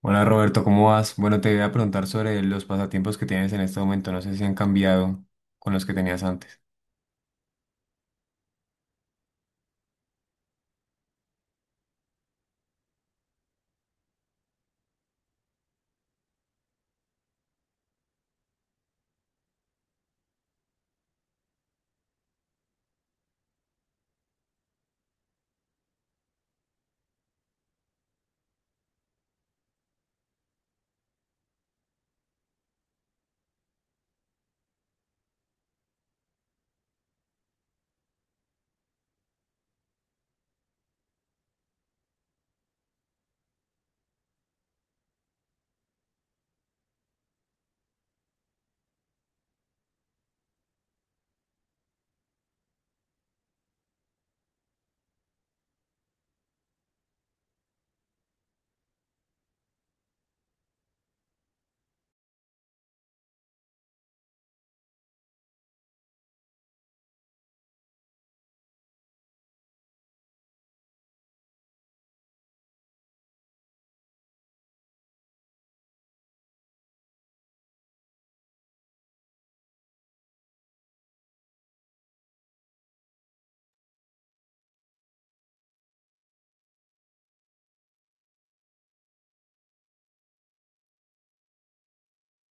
Hola Roberto, ¿cómo vas? Bueno, te voy a preguntar sobre los pasatiempos que tienes en este momento. No sé si han cambiado con los que tenías antes.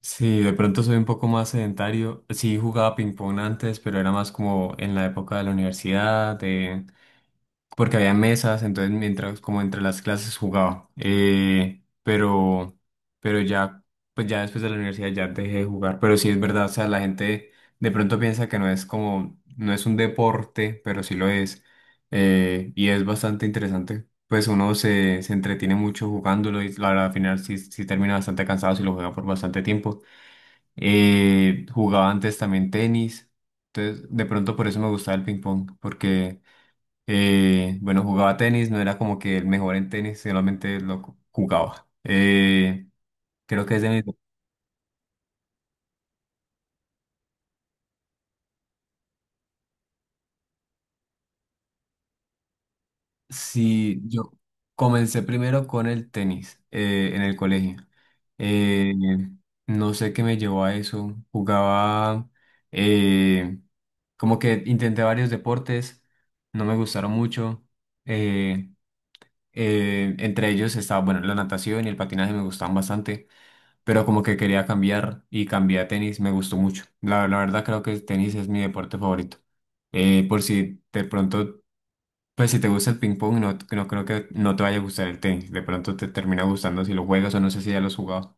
Sí, de pronto soy un poco más sedentario. Sí, jugaba ping pong antes, pero era más como en la época de la universidad, porque había mesas, entonces mientras como entre las clases jugaba. Pero ya, pues ya después de la universidad ya dejé de jugar. Pero sí es verdad, o sea, la gente de pronto piensa que no es como, no es un deporte, pero sí lo es. Y es bastante interesante. Pues uno se entretiene mucho jugándolo y la verdad, al final sí, sí termina bastante cansado si lo juega por bastante tiempo. Jugaba antes también tenis. Entonces, de pronto por eso me gustaba el ping pong, porque bueno, jugaba tenis, no era como que el mejor en tenis, solamente jugaba. Creo que es de mis... Sí, yo comencé primero con el tenis en el colegio. Eh, no sé qué me llevó a eso. Jugaba, eh, como que intenté varios deportes, no me gustaron mucho. Eh, entre ellos estaba, bueno, la natación y el patinaje me gustaban bastante, pero como que quería cambiar y cambié a tenis, me gustó mucho. La verdad creo que el tenis es mi deporte favorito. Por si de pronto, pues si te gusta el ping pong, no, no creo que no te vaya a gustar el tenis. De pronto te termina gustando si lo juegas o no sé si ya lo has jugado.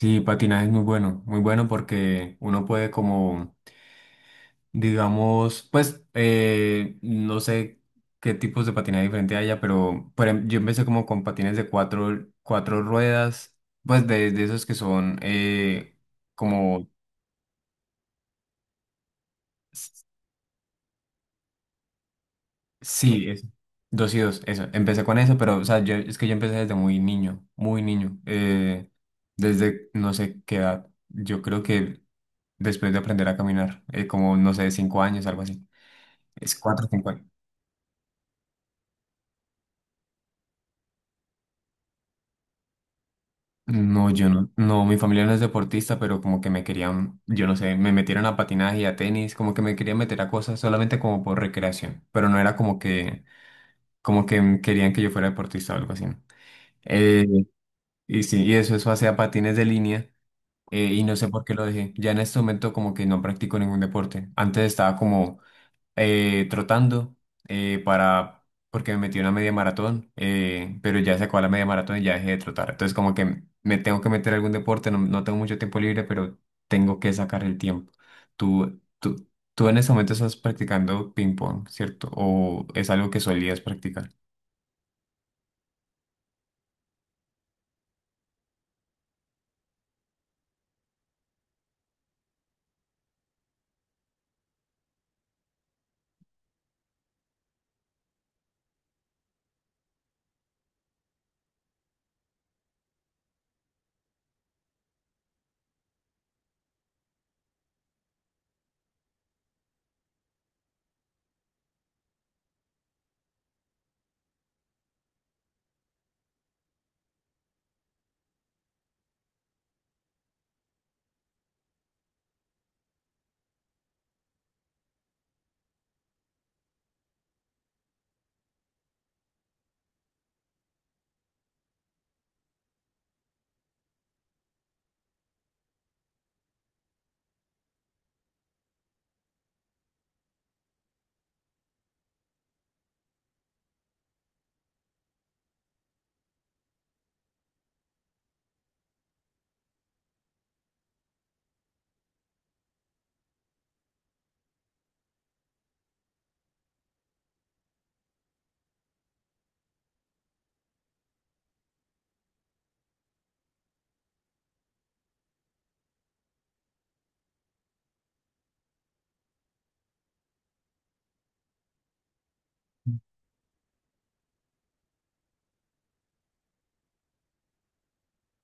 Sí, patinaje es muy bueno, muy bueno porque uno puede como, digamos, pues no sé qué tipos de patinaje diferente haya, pero yo empecé como con patines de cuatro ruedas, pues de esos que son como, s- sí, eso, dos y dos, eso. Empecé con eso, pero o sea, yo, es que yo empecé desde muy niño, desde no sé qué edad, yo creo que después de aprender a caminar, como no sé, 5 años, algo así. Es cuatro, cinco. No, yo no, no, mi familia no es deportista, pero como que me querían, yo no sé, me metieron a patinaje y a tenis, como que me querían meter a cosas solamente como por recreación, pero no era como que, querían que yo fuera deportista o algo así, ¿no? Eh, y sí, y eso hacía patines de línea, y no sé por qué lo dejé. Ya en este momento como que no practico ningún deporte. Antes estaba como trotando para porque me metí en una media maratón, pero ya se acabó la media maratón y ya dejé de trotar. Entonces como que me tengo que meter a algún deporte, no, no tengo mucho tiempo libre, pero tengo que sacar el tiempo. Tú, tú, tú en ese momento estás practicando ping pong, ¿cierto? ¿O es algo que solías practicar?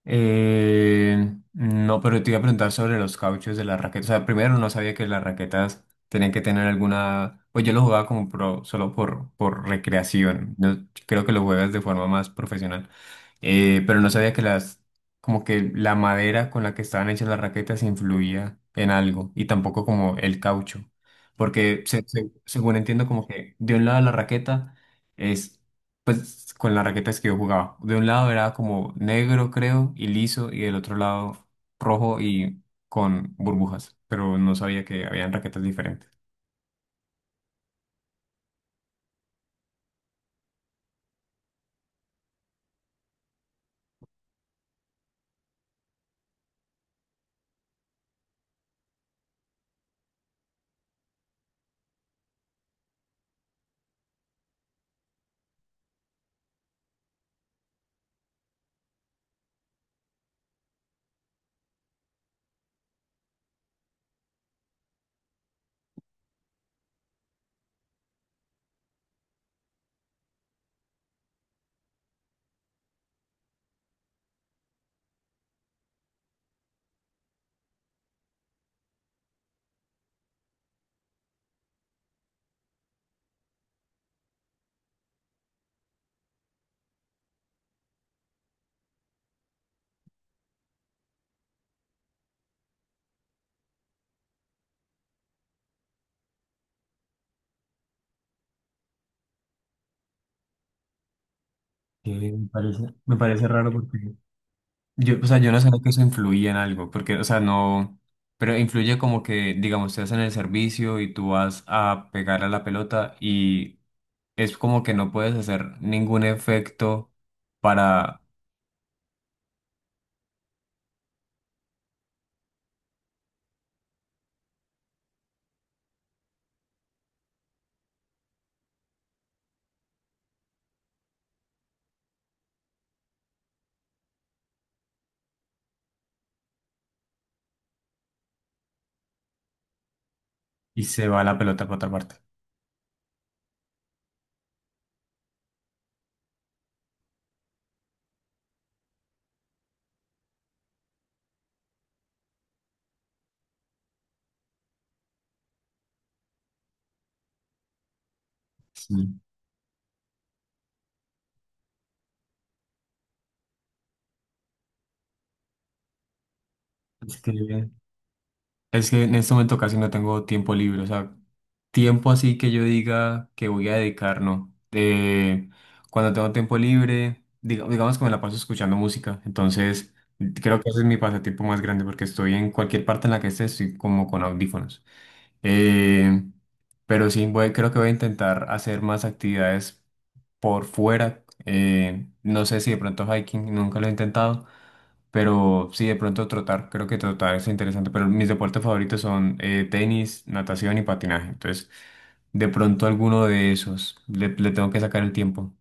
No, pero te iba a preguntar sobre los cauchos de las raquetas. O sea, primero no sabía que las raquetas tenían que tener alguna. Pues yo lo jugaba como pro, solo por recreación. No creo que lo juegas de forma más profesional. Pero no sabía que las. Como que la madera con la que estaban hechas las raquetas influía en algo. Y tampoco como el caucho. Porque según entiendo, como que de un lado la raqueta es, pues con las raquetas que yo jugaba. De un lado era como negro, creo, y liso, y del otro lado rojo y con burbujas, pero no sabía que habían raquetas diferentes. Me parece raro porque yo, o sea, yo no sabía que eso influía en algo, porque, o sea, no, pero influye como que, digamos, te hacen el servicio y tú vas a pegar a la pelota y es como que no puedes hacer ningún efecto para y se va la pelota para otra parte. Sí. Es que Es que en este momento casi no tengo tiempo libre, o sea, tiempo así que yo diga que voy a dedicar, no. Cuando tengo tiempo libre, digamos que me la paso escuchando música, entonces creo que ese es mi pasatiempo más grande porque estoy en cualquier parte en la que esté, estoy como con audífonos. Eh, pero sí, voy, creo que voy a intentar hacer más actividades por fuera. Eh, no sé si de pronto hiking, nunca lo he intentado. Pero sí, de pronto trotar, creo que trotar es interesante, pero mis deportes favoritos son tenis, natación y patinaje. Entonces, de pronto alguno de esos, le tengo que sacar el tiempo.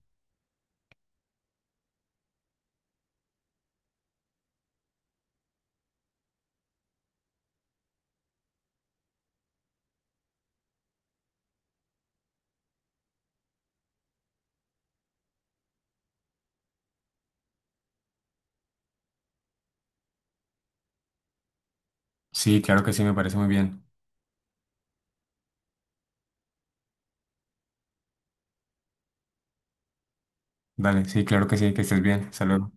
Sí, claro que sí, me parece muy bien. Dale, sí, claro que sí, que estés bien. Saludos.